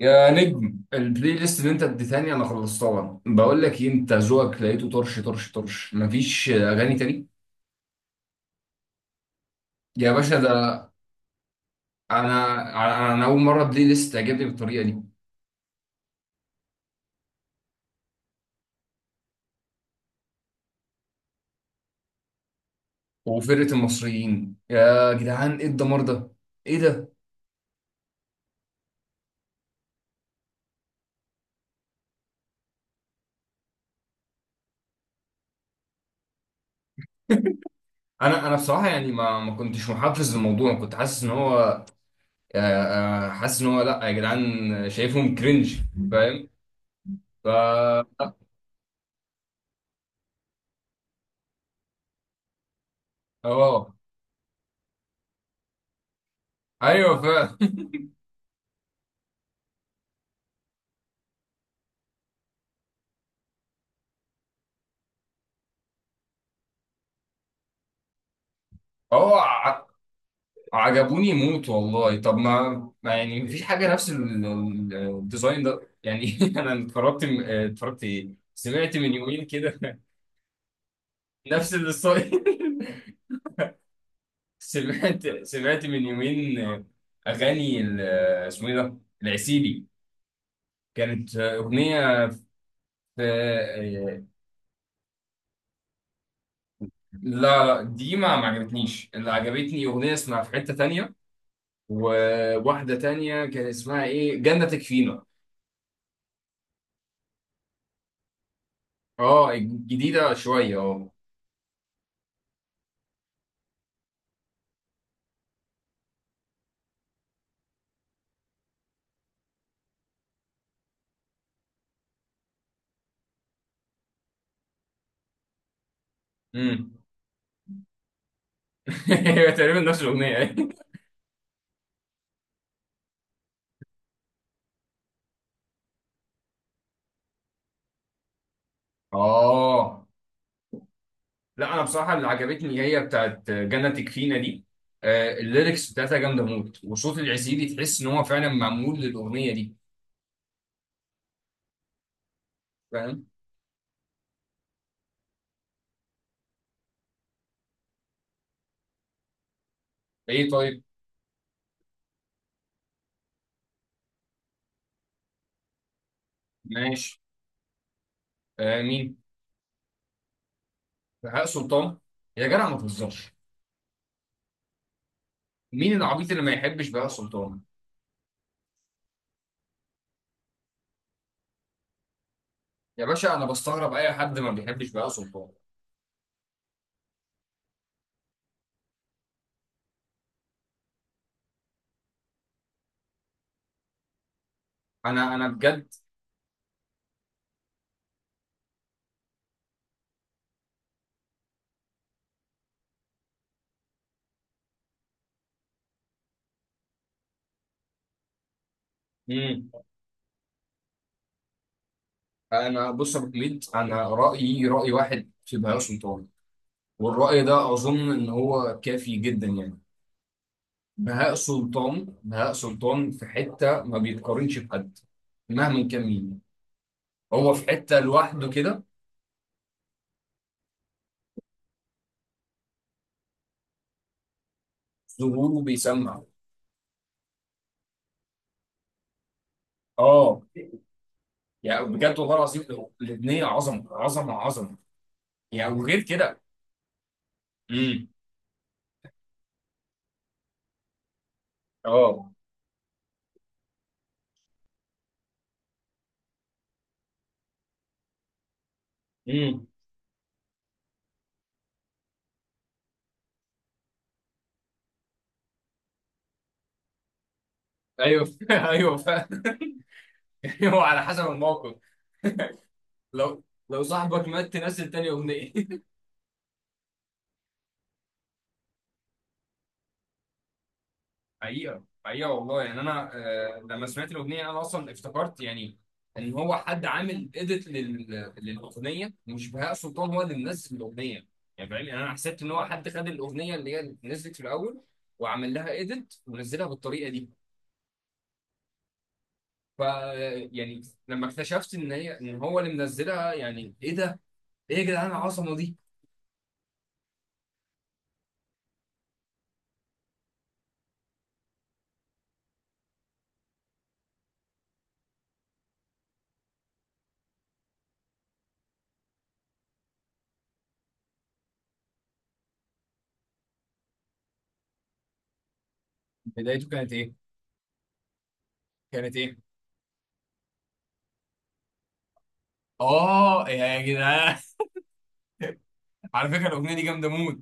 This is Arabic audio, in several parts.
يا نجم، البلاي ليست اللي انت اديتهاني انا خلصتها. بقول لك ايه، انت ذوقك لقيته طرش طرش طرش، مفيش اغاني تاني. يا باشا ده. انا انا اول مره بلاي ليست تعجبني بالطريقه دي. وفرقه المصريين، يا جدعان ايه الدمار ده! ايه ده! انا بصراحه يعني ما كنتش محفز للموضوع، كنت حاسس ان هو حاسس ان هو، لا يا جدعان. شايفهم كرنج، فاهم؟ ف اه ايوه فاهم. هو عجبوني موت والله. طب ما يعني مفيش حاجه نفس الديزاين ده يعني. انا اتفرجت، اتفرجت ايه، سمعت من يومين كده. نفس الستايل. سمعت من يومين اغاني اسمه ايه ده، العسيلي. كانت اغنيه في لا، لا دي ما عجبتنيش، اللي عجبتني اغنيه اسمها في حته تانية. وواحده تانية كان اسمها ايه، جنة تكفينا. اه، جديده شويه. اه، هي تقريبا نفس الاغنيه يعني. اه. لا انا بصراحه اللي عجبتني هي بتاعت جنة تكفينا دي. الليركس بتاعتها جامده موت، وصوت العزيزي تحس ان هو فعلا معمول للاغنيه دي. فاهم. ايه طيب. ماشي. آه، مين؟ بهاء سلطان. يا جدع ما تهزرش. مين العبيط اللي ما يحبش بهاء سلطان؟ يا باشا، انا بستغرب اي حد ما بيحبش بهاء سلطان. انا بجد. مم. انا، بص يا ابو حميد، انا رايي راي واحد في بهاء سلطان. والرأي ده أظن إن هو كافي جدا يعني. بهاء سلطان، بهاء سلطان في حتة ما بيتقارنش بحد، مهما كان مين. هو في حتة لوحده كده. ظهوره بيسمع. آه، يعني بجد والله العظيم. الأغنية عظمة عظمة عظمة. يعني وغير كده. امم. آه. امم. أيوه، أيوه فعلا. أيوه، على حسب الموقف. لو، صاحبك مات تنزل تاني أغنية. حقيقة حقيقة والله، يعني أنا لما سمعت الأغنية أنا أصلا افتكرت يعني إن هو حد عامل إيديت للأغنية، مش بهاء سلطان هو اللي منزل الأغنية. يعني فاهم، يعني أنا حسيت إن هو حد خد الأغنية اللي هي نزلت في الأول وعمل لها إيديت ونزلها بالطريقة دي. ف يعني لما اكتشفت إن هو اللي منزلها، يعني إيه ده؟ إيه يا جدعان العظمة دي؟ بدايته كانت إيه؟ كانت إيه؟ آه يا جدعان. على فكرة، الأغنية دي جامدة موت.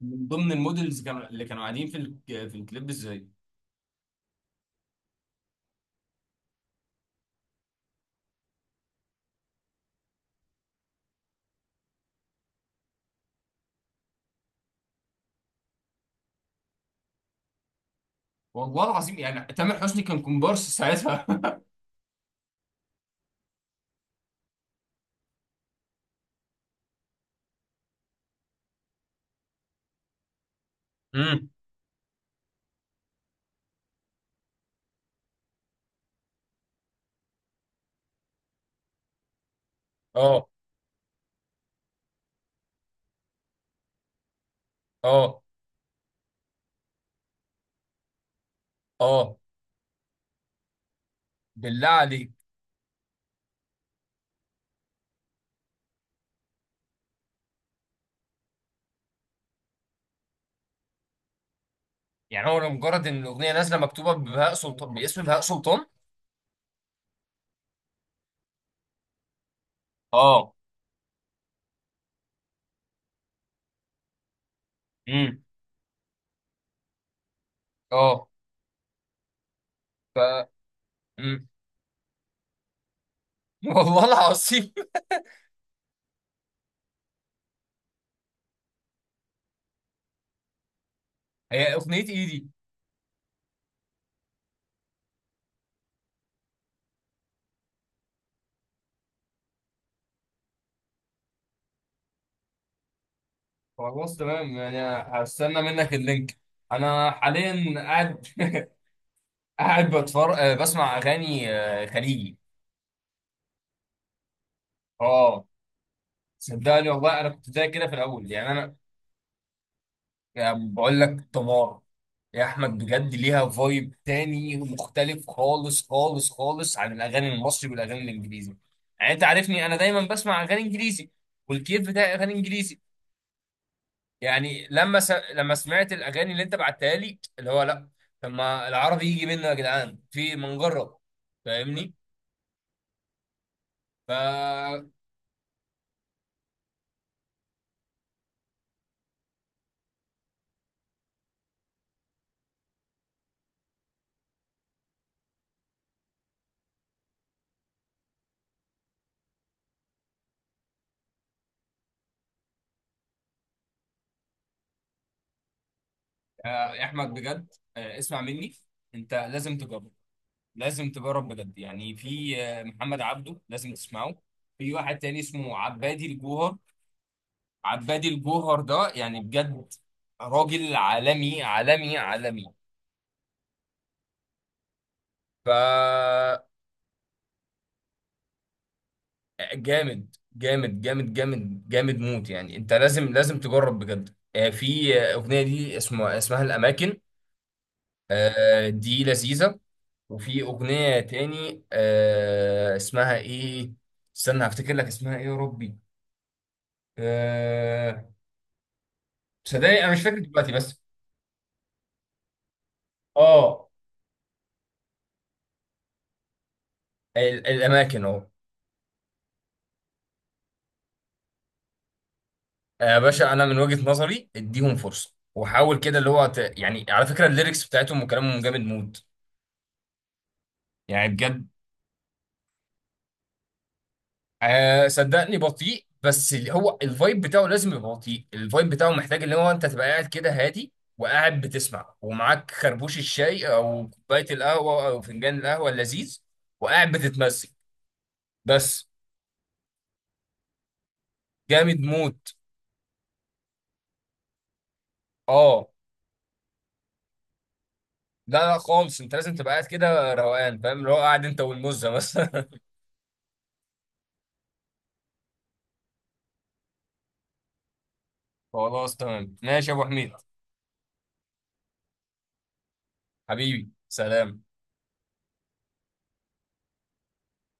من ضمن المودلز كانوا اللي كانوا قاعدين في في الكليب ازاي؟ والله العظيم، يعني تامر حسني كان كومبارس ساعتها. امم. اه. اه. اه. بالله عليك. يعني هو لمجرد ان الاغنيه نازله مكتوبه ببهاء سلطان، باسم بهاء سلطان. اه. امم. اه. ف مم. والله العظيم. هي اغنيه ايه دي؟ خلاص تمام يعني. هستنى منك اللينك. انا حاليا قاعد، قاعد بتفرج بسمع اغاني خليجي. اه، صدقني والله انا كنت زي كده في الاول يعني انا. يعني بقول لك تمار، يا احمد بجد، ليها فايب تاني مختلف خالص خالص خالص عن الاغاني المصري والاغاني الانجليزي. يعني انت عارفني، انا دايما بسمع اغاني انجليزي. والكيف بتاعي اغاني انجليزي. يعني لما سمعت الاغاني اللي انت بعتها لي اللي هو لا. طب ما العربي يجي منه يا جدعان، في ما نجرب. فاهمني؟ ف آه، يا احمد بجد، اسمع مني. انت لازم تجرب. لازم تجرب بجد. يعني في محمد عبده، لازم تسمعه. في واحد تاني اسمه عبادي الجوهر. عبادي الجوهر ده يعني بجد، راجل عالمي عالمي عالمي. ف جامد جامد جامد جامد جامد موت، يعني انت لازم تجرب بجد. في اغنيه دي اسمها، الاماكن. دي لذيذه. وفي اغنيه تاني اسمها ايه، استنى هفتكر لك اسمها ايه يا ربي. آه، صدقني انا مش فاكر دلوقتي بس. اه، الاماكن اهو. يا باشا انا من وجهة نظري اديهم فرصه وحاول كده اللي هو يعني على فكره الليركس بتاعتهم وكلامهم جامد مود. يعني بجد. آه، صدقني بطيء. بس هو الفايب بتاعه لازم يبقى بطيء. الفايب بتاعه محتاج اللي هو انت تبقى قاعد كده هادي وقاعد بتسمع ومعاك خربوش الشاي او كوبايه القهوه او فنجان القهوه اللذيذ وقاعد بتتمزج بس. جامد موت. اه. لا، لا خالص، انت لازم تبقى قاعد كده روقان. فاهم؟ اللي هو قاعد انت والمزه مثلا. خلاص تمام ماشي يا ابو حميد. حبيبي سلام.